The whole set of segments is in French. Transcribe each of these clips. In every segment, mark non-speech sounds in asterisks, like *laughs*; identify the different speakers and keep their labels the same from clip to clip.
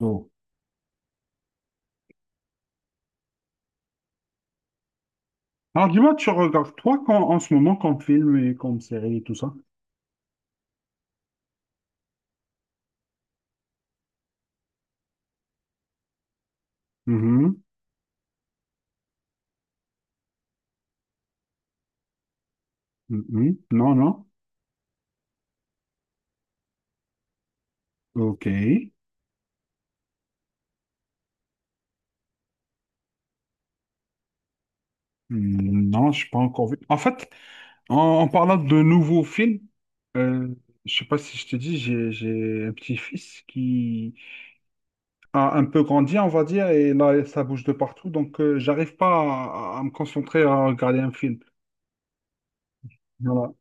Speaker 1: Oh. Alors dis-moi, tu regardes toi quand, en ce moment comme film et comme série et tout ça? Mhm, mhm. Non, non. Ok. Mm, non, je pas encore vu. En fait, en, en parlant de nouveaux films, euh, je sais pas si je te dis, j'ai un petit-fils qui a un peu grandi, on va dire, et là, ça bouge de partout, donc j'arrive pas à me concentrer à regarder un film. Voilà.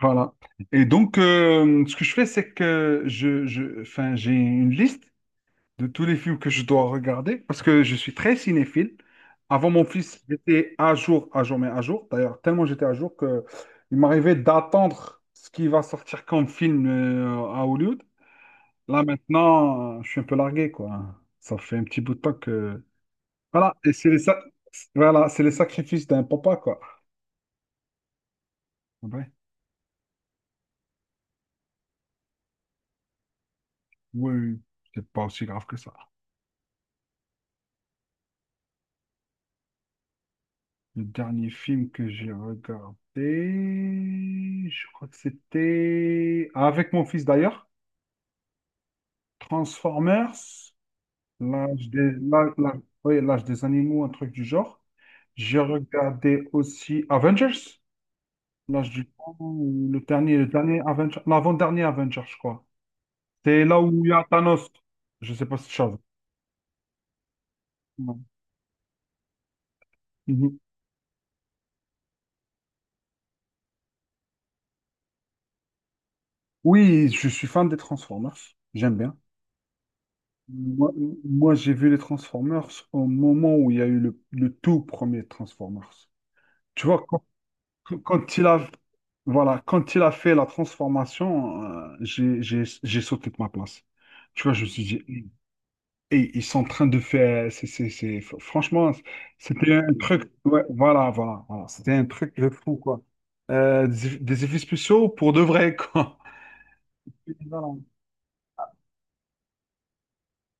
Speaker 1: Voilà. Et donc, ce que je fais, c'est que enfin, j'ai une liste de tous les films que je dois regarder, parce que je suis très cinéphile. Avant mon fils, j'étais à jour, mais à jour. D'ailleurs, tellement j'étais à jour que il m'arrivait d'attendre ce qui va sortir comme film à Hollywood. Là, maintenant, je suis un peu largué, quoi. Ça fait un petit bout de temps que. Voilà, et voilà, c'est les sacrifices d'un papa, quoi. Ouais. Oui, oui. C'est pas aussi grave que ça. Le dernier film que j'ai regardé, je crois que c'était, avec mon fils, d'ailleurs. Transformers, l'âge des, l'âge- l'âge- oui, l'âge des animaux, un truc du genre. J'ai regardé aussi Avengers, l'âge du temps, ou le dernier Avenger, l'avant-dernier Avenger, je crois. C'est là où il y a Thanos. Je sais pas si tu as vu. Non. Mhm. Oui, je suis fan des Transformers. J'aime bien. Moi, moi, j'ai vu les Transformers au moment où il y a eu le tout premier Transformers. Tu vois, Quand il a, voilà, quand il a fait la transformation, j'ai sauté de ma place. Tu vois, je me suis dit, et ils sont en train de faire, franchement, c'était un truc, ouais, voilà, voilà, voilà, c'était un truc de fou, quoi. Des effets spéciaux pour de vrai, *laughs* quoi. Voilà.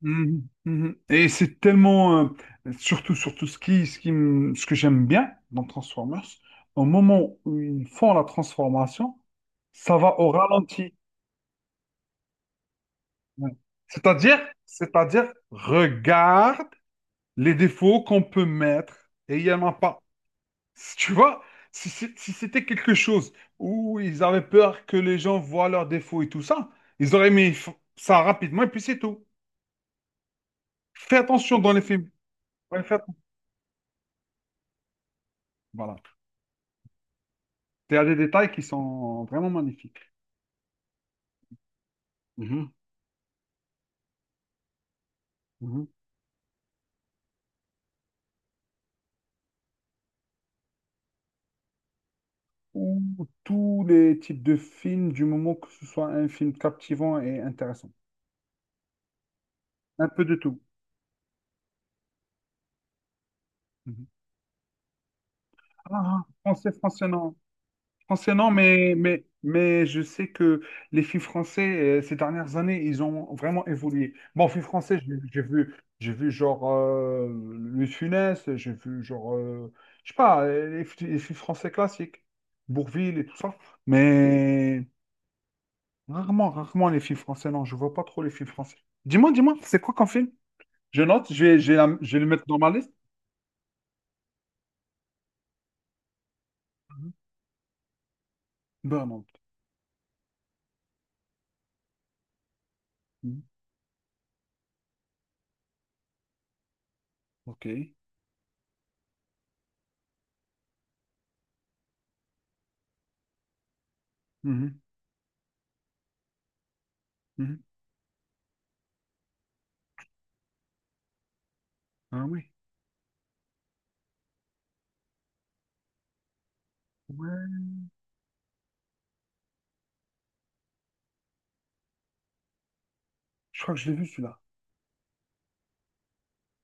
Speaker 1: Mhm, mhm. Et c'est tellement, surtout, surtout ce que j'aime bien dans Transformers, au moment où ils font la transformation, ça va au ralenti. Ouais. C'est-à-dire, regarde les défauts qu'on peut mettre et il n'y en a pas. Si, tu vois, si c'était quelque chose où ils avaient peur que les gens voient leurs défauts et tout ça, ils auraient mis ça rapidement et puis c'est tout. Fais attention dans les films. Ouais, fais attention. Voilà. Il y a des détails qui sont vraiment magnifiques. Mhm, mhm. Ou tous les types de films, du moment que ce soit un film captivant et intéressant. Un peu de tout. Mhm. Ah, français, français, non. Français, non, mais je sais que les films français, ces dernières années, ils ont vraiment évolué. Bon, films français, j'ai vu, j'ai vu genre Louis de Funès, j'ai vu genre, je sais pas, les films français classiques, Bourvil et tout ça. Mais rarement, rarement les films français, non, je vois pas trop les films français. Dis-moi, dis-moi, c'est quoi qu'un film? Je note, je vais le mettre dans ma liste. Mhm. Burnout. Mhm. Ok. Mhm. Mhm. Ah oui. Ouais. Je crois que je l'ai vu celui-là.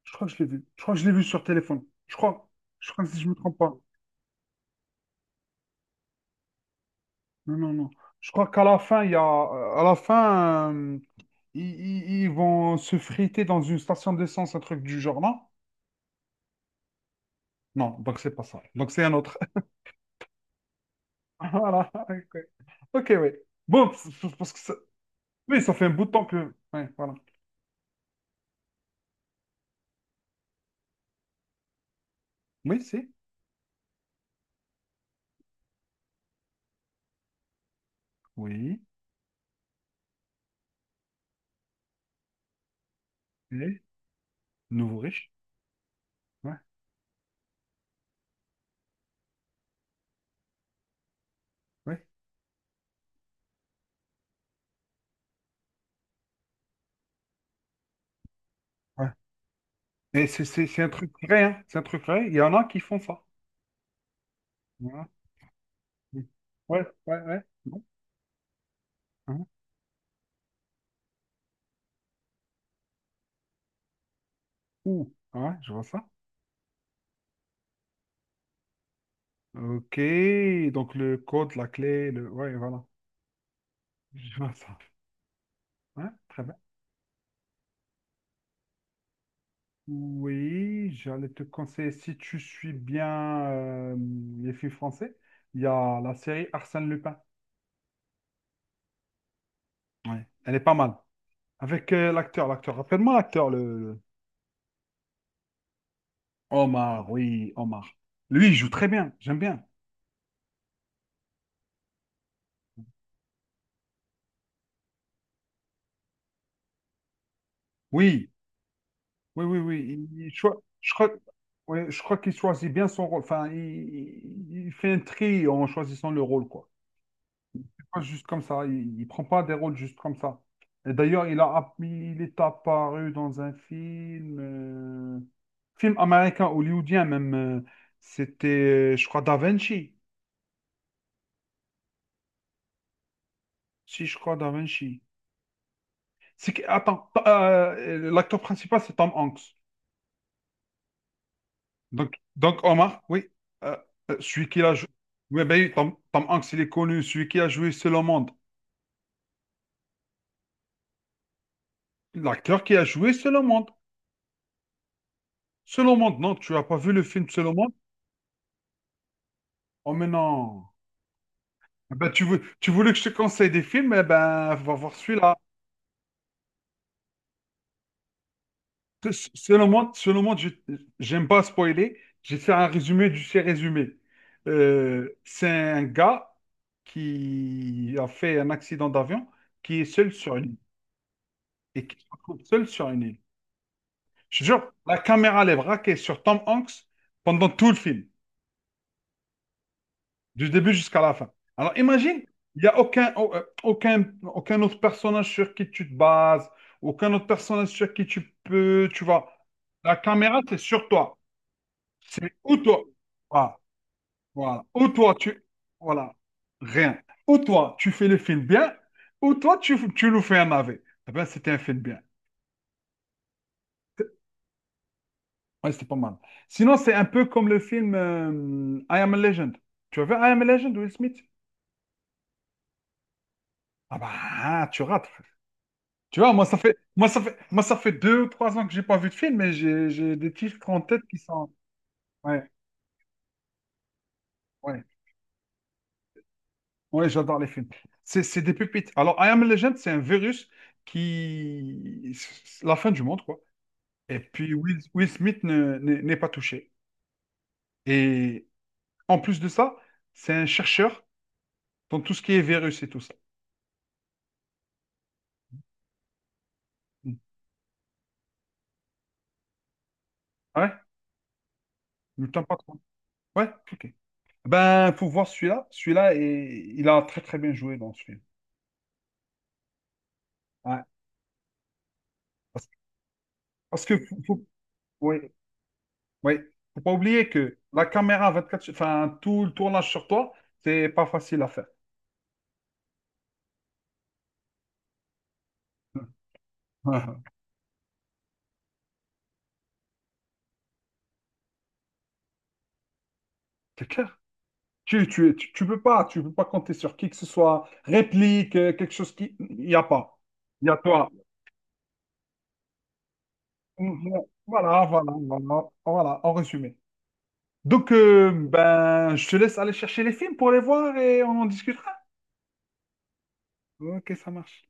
Speaker 1: Je crois que je l'ai vu. Je crois que je l'ai vu sur téléphone. Je crois. Je crois que si je me trompe pas. Non, non, non. Je crois qu'à la fin, il y a, à la fin, ils vont se friter dans une station d'essence, un truc du genre, non? Non, donc c'est pas ça. Donc c'est un autre. *laughs* Voilà. Ok, ok, oui. Bon, parce que ça. Oui, ça fait un bout de temps que. Ouais, voilà. Oui, c'est. Oui. Et nouveau riche. Ouais, ouais, ouais. Et c'est un truc vrai, hein. C'est un truc vrai. Il y en a qui font ça. Voilà. Oui. Ouais, ouais, ouais. Bon. Hein. Ouh, ouais, je vois ça. Ok, donc le code, la clé, le. Ouais, voilà, *laughs* je vois ça. Ouais, très bien. Oui, j'allais te conseiller, si tu suis bien les films français, il y a la série Arsène Lupin. Ouais, elle est pas mal. Avec l'acteur, rappelle-moi l'acteur, le. Omar, oui, Omar. Lui, il joue très bien, j'aime bien. Oui, oui, oui, oui. Je crois, ouais, je crois qu'il choisit bien son rôle. Enfin, il fait un tri en choisissant le rôle, quoi. Pas juste comme ça. Il prend pas des rôles juste comme ça. Et d'ailleurs, il est apparu dans un film, film américain, hollywoodien même. C'était, je crois, Da Vinci. Si, je crois, Da Vinci. Attends, l'acteur principal, c'est Tom Hanks. Donc Omar, oui, euh, celui qui a joué. Oui, ben, oui, Tom Hanks, il est connu, celui qui a joué Seul au monde. L'acteur qui a joué Seul au monde. Seul au monde, non, tu n'as pas vu le film Seul au monde? Oh, mais non. Ah, bah, tu voulais que je te conseille des films, eh ben, va voir celui-là. Selon moi, j'aime pas spoiler. J'ai fait un résumé du fait résumé. C'est un gars qui a fait un accident d'avion, qui est seul sur une île et qui se retrouve seul sur une île. Je te jure, la caméra elle est braquée sur Tom Hanks pendant tout le film. Du début jusqu'à la fin. Alors imagine, il n'y a aucun, au- aucun, aucun autre personnage sur qui tu te bases, aucun autre personnage sur qui tu peux, tu vois. La caméra, c'est sur toi. C'est ou toi. Voilà, voilà. Ou toi, tu. Voilà. Rien. Ou toi, tu fais le film bien, ou toi, tu nous fais un AV. Eh bien, c'était un film bien. Ouais, c'était pas mal. Sinon, c'est un peu comme le film I Am a Legend. Tu as vu I Am a Legend, Will Smith? Ah bah, tu rates. Tu vois, moi, ça fait, moi, ça fait, moi, ça fait 2 ou 3 ans que j'ai pas vu de film, mais j'ai des titres en tête qui sont. Ouais, ouais, ouais, j'adore les films. C'est des pépites. Alors, I Am Legend, c'est un virus qui. C'est la fin du monde, quoi. Et puis, Will Smith n'est pas touché. Et en plus de ça, c'est un chercheur dans tout ce qui est virus et tout ça. Mm. Ouais, ne t'en pas trop. Ouais, ok. Ben, faut voir celui-là. Celui-là, il a très, très bien joué dans ce film. Ouais. Parce, parce que. Oui, oui, faut pas oublier que la caméra 24, enfin tout le tournage sur toi, c'est pas facile à faire. *laughs* C'est clair. Tu peux pas compter sur qui que ce soit, réplique, quelque chose qui, il y a pas. Il y a toi. Voilà, voilà, voilà, voilà, en résumé. Donc, ben, je te laisse aller chercher les films pour les voir et on en discutera. Ok, ça marche.